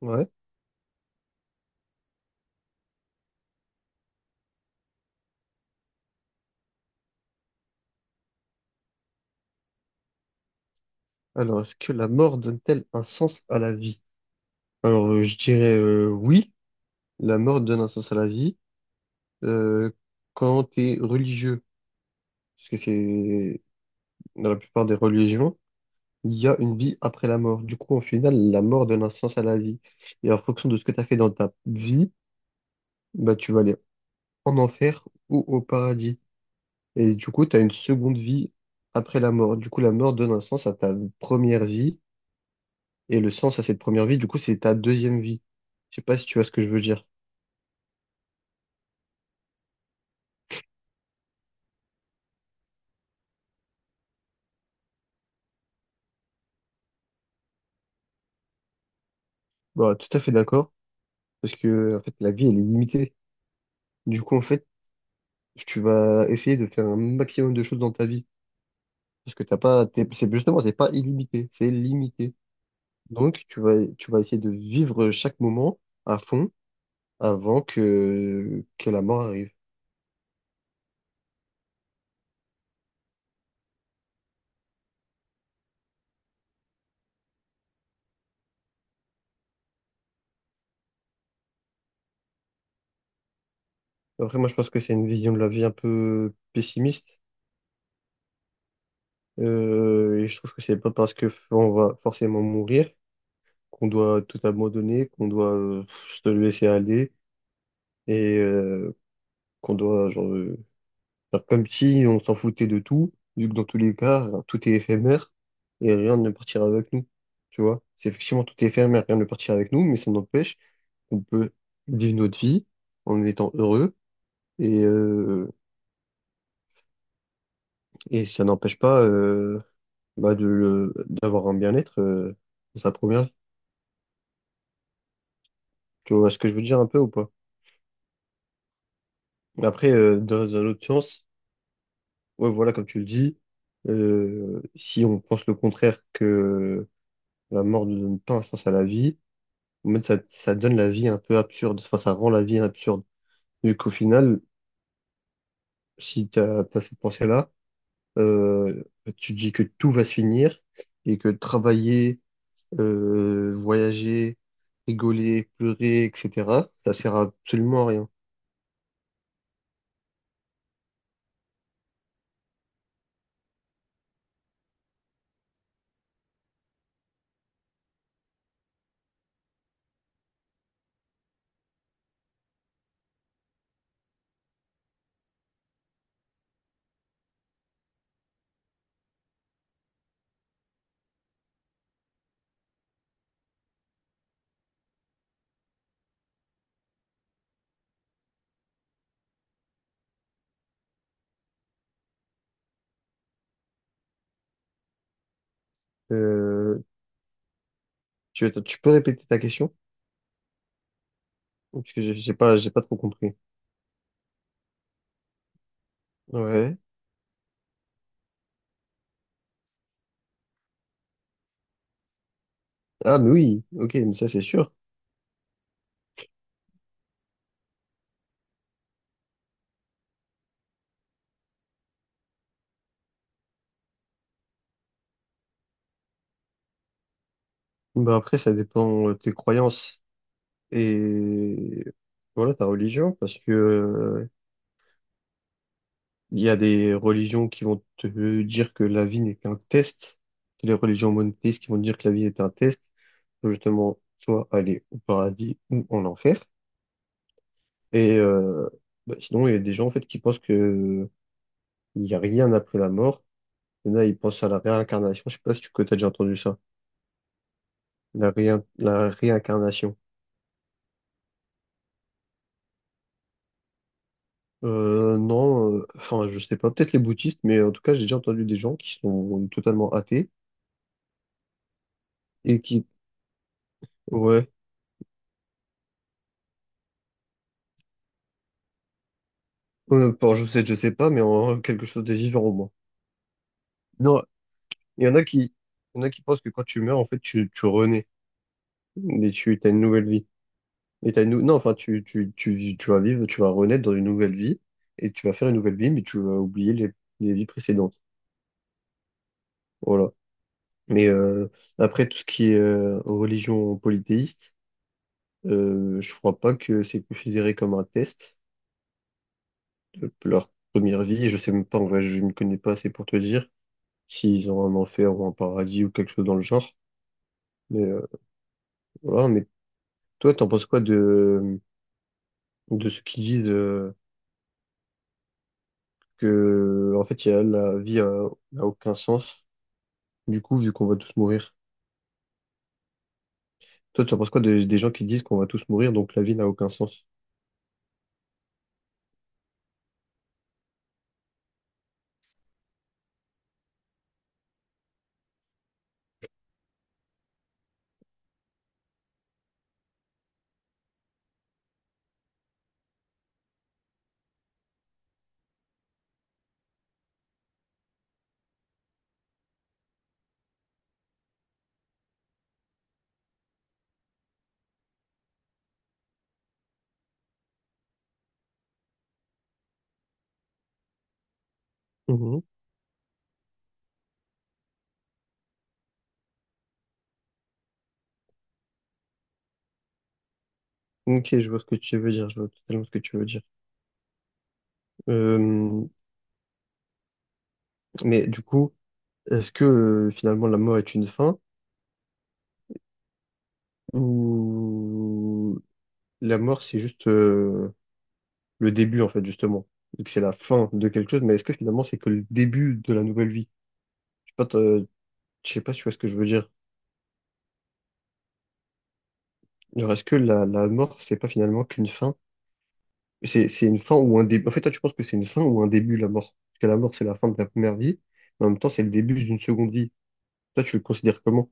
Ouais. Alors, est-ce que la mort donne-t-elle un sens à la vie? Alors, je dirais oui, la mort donne un sens à la vie euh, quand tu es religieux, parce que c'est dans la plupart des religions, il y a une vie après la mort. Du coup, au final, la mort donne un sens à la vie. Et en fonction de ce que tu as fait dans ta vie, bah, tu vas aller en enfer ou au paradis. Et du coup, tu as une seconde vie après la mort. Du coup, la mort donne un sens à ta première vie. Et le sens à cette première vie, du coup, c'est ta deuxième vie. Je sais pas si tu vois ce que je veux dire. Bah, tout à fait d'accord, parce que en fait, la vie, elle est limitée. Du coup, en fait, tu vas essayer de faire un maximum de choses dans ta vie, parce que t'as pas, t'es- c'est justement, c'est pas illimité, c'est limité. Donc, tu vas essayer de vivre chaque moment à fond avant que la mort arrive. Après, moi, je pense que c'est une vision de la vie un peu pessimiste, et je trouve que c'est pas parce que on va forcément mourir qu'on doit tout abandonner, qu'on doit se laisser aller et qu'on doit genre, faire comme si on s'en foutait de tout, vu que dans tous les cas, tout est éphémère et rien ne partira avec nous. Tu vois, c'est effectivement tout est éphémère, rien ne partira avec nous, mais ça n'empêche qu'on peut vivre notre vie en étant heureux et, euh, et ça n'empêche pas bah, d'avoir un bien-être dans sa première vie. Tu vois ce que je veux dire un peu ou pas? Après, dans un autre sens, ouais, voilà, comme tu le dis, si on pense le contraire que la mort ne donne pas un sens à la vie, en fait, ça donne la vie un peu absurde, enfin, ça rend la vie absurde. Vu qu'au final, si t'as cette pensée-là, euh, tu te dis que tout va se finir et que travailler, voyager, rigoler, pleurer, etc., ça sert absolument à rien. Euh, tu peux répéter ta question? Parce que j'ai pas trop compris. Ouais. Ah, mais oui, ok, mais ça c'est sûr. Bah après, ça dépend de tes croyances et voilà, ta religion, parce que il y a des religions qui vont te dire que la vie n'est qu'un test, que les religions monothéistes qui vont te dire que la vie est un test, pour justement soit aller au paradis ou en enfer. Et bah, sinon, il y a des gens en fait qui pensent que il n'y a rien après la mort. Il y en a, ils pensent à la réincarnation. Je sais pas si tu as déjà entendu ça. La réincarnation. Non, enfin, je sais pas, peut-être les bouddhistes, mais en tout cas, j'ai déjà entendu des gens qui sont totalement athées et qui, ouais, bon, je sais pas, mais en, quelque chose de vivant au moins. Non, il y en a qui, il y en a qui pensent que quand tu meurs, en fait, tu renais et tu as une nouvelle vie. Et t'as une, nou- non, enfin, tu, vis- tu vas vivre, tu vas renaître dans une nouvelle vie et tu vas faire une nouvelle vie, mais tu vas oublier les vies précédentes. Voilà. Mais après, tout ce qui est religion polythéiste, je crois pas que c'est considéré comme un test de leur première vie. Je sais même pas, en vrai, je ne connais pas assez pour te dire s'ils ont un enfer ou un paradis ou quelque chose dans le genre. Mais voilà, mais toi, t'en penses quoi de ceux qui disent que en fait, la vie n'a aucun sens, du coup, vu qu'on va tous mourir. Toi, tu en penses quoi des gens qui disent qu'on va tous mourir, donc la vie n'a aucun sens? Mhm. Ok, je vois totalement ce que tu veux dire. Euh, mais du coup, est-ce que finalement la mort est une fin? Ou la mort, c'est juste le début, en fait, justement. Et que c'est la fin de quelque chose, mais est-ce que finalement, c'est que le début de la nouvelle vie? Je sais pas, t'as- je sais pas si tu vois ce que je veux dire. Genre, est-ce que la mort, c'est pas finalement qu'une fin? C'est une fin ou un début. En fait, toi, tu penses que c'est une fin ou un début, la mort? Parce que la mort, c'est la fin de la première vie, mais en même temps, c'est le début d'une seconde vie. Toi, tu le considères comment?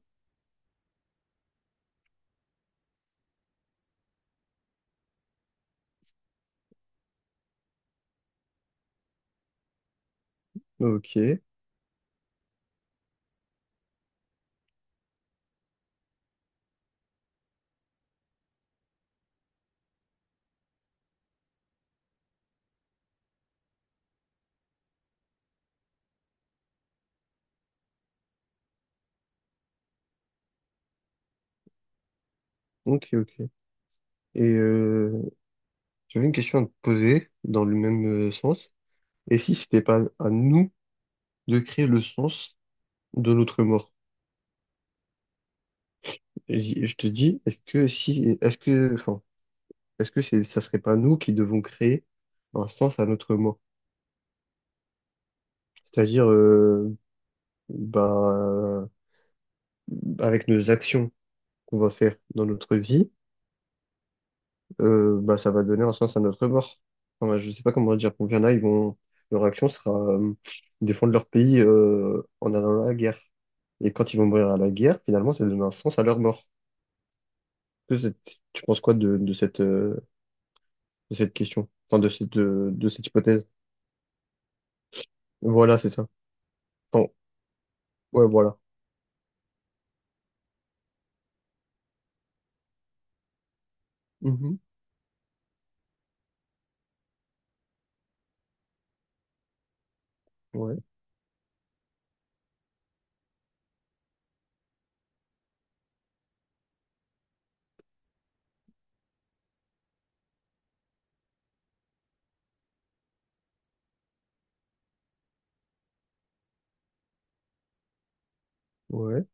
Ok, ok. Et j'avais une question à te poser dans le même sens. Et si c'était pas à nous de créer le sens de notre mort. Et je te dis, est-ce que si, est-ce que, enfin, est-ce que ça serait pas nous qui devons créer un sens à notre mort? C'est-à-dire, bah, avec nos actions qu'on va faire dans notre vie, bah, ça va donner un sens à notre mort. Enfin, je sais pas comment dire. Pour qu'il y en a, ils vont, leur action sera, défendre leur pays, en allant à la guerre. Et quand ils vont mourir à la guerre, finalement, ça donne un sens à leur mort. Tu tu penses quoi de cette question, enfin de cette hypothèse. Voilà, c'est ça. Enfin, ouais, voilà. Mhm. Ouais, ouais.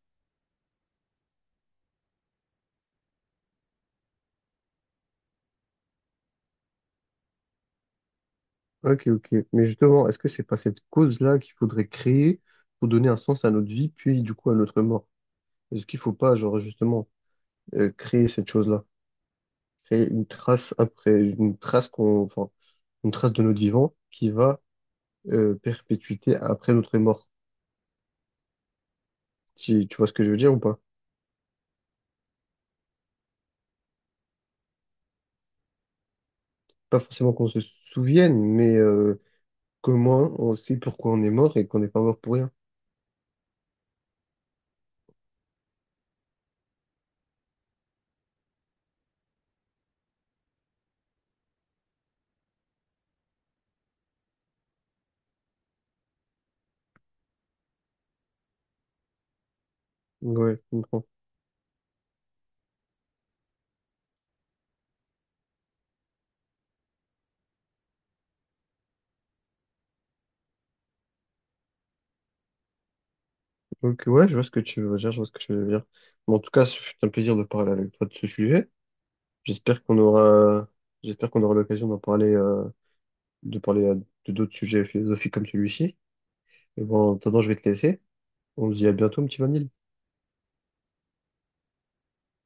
Ok. Mais justement, est-ce que c'est pas cette cause-là qu'il faudrait créer pour donner un sens à notre vie, puis du coup à notre mort? Est-ce qu'il faut pas, genre justement, créer cette chose-là, créer une trace après, une trace de notre vivant qui va perpétuité après notre mort. Tu vois ce que je veux dire ou pas? Pas forcément qu'on se souvienne, mais comment on sait pourquoi on est mort et qu'on n'est pas mort pour rien. Ouais, je comprends. Donc, ouais, je vois ce que tu veux dire. Bon, en tout cas, ce fut un plaisir de parler avec toi de ce sujet. J'espère qu'on aura, j'espère qu'on aura l'occasion d'en parler, de parler de d'autres sujets philosophiques comme celui-ci. Et bon, en attendant, je vais te laisser. On se dit à bientôt, mon petit Vanille.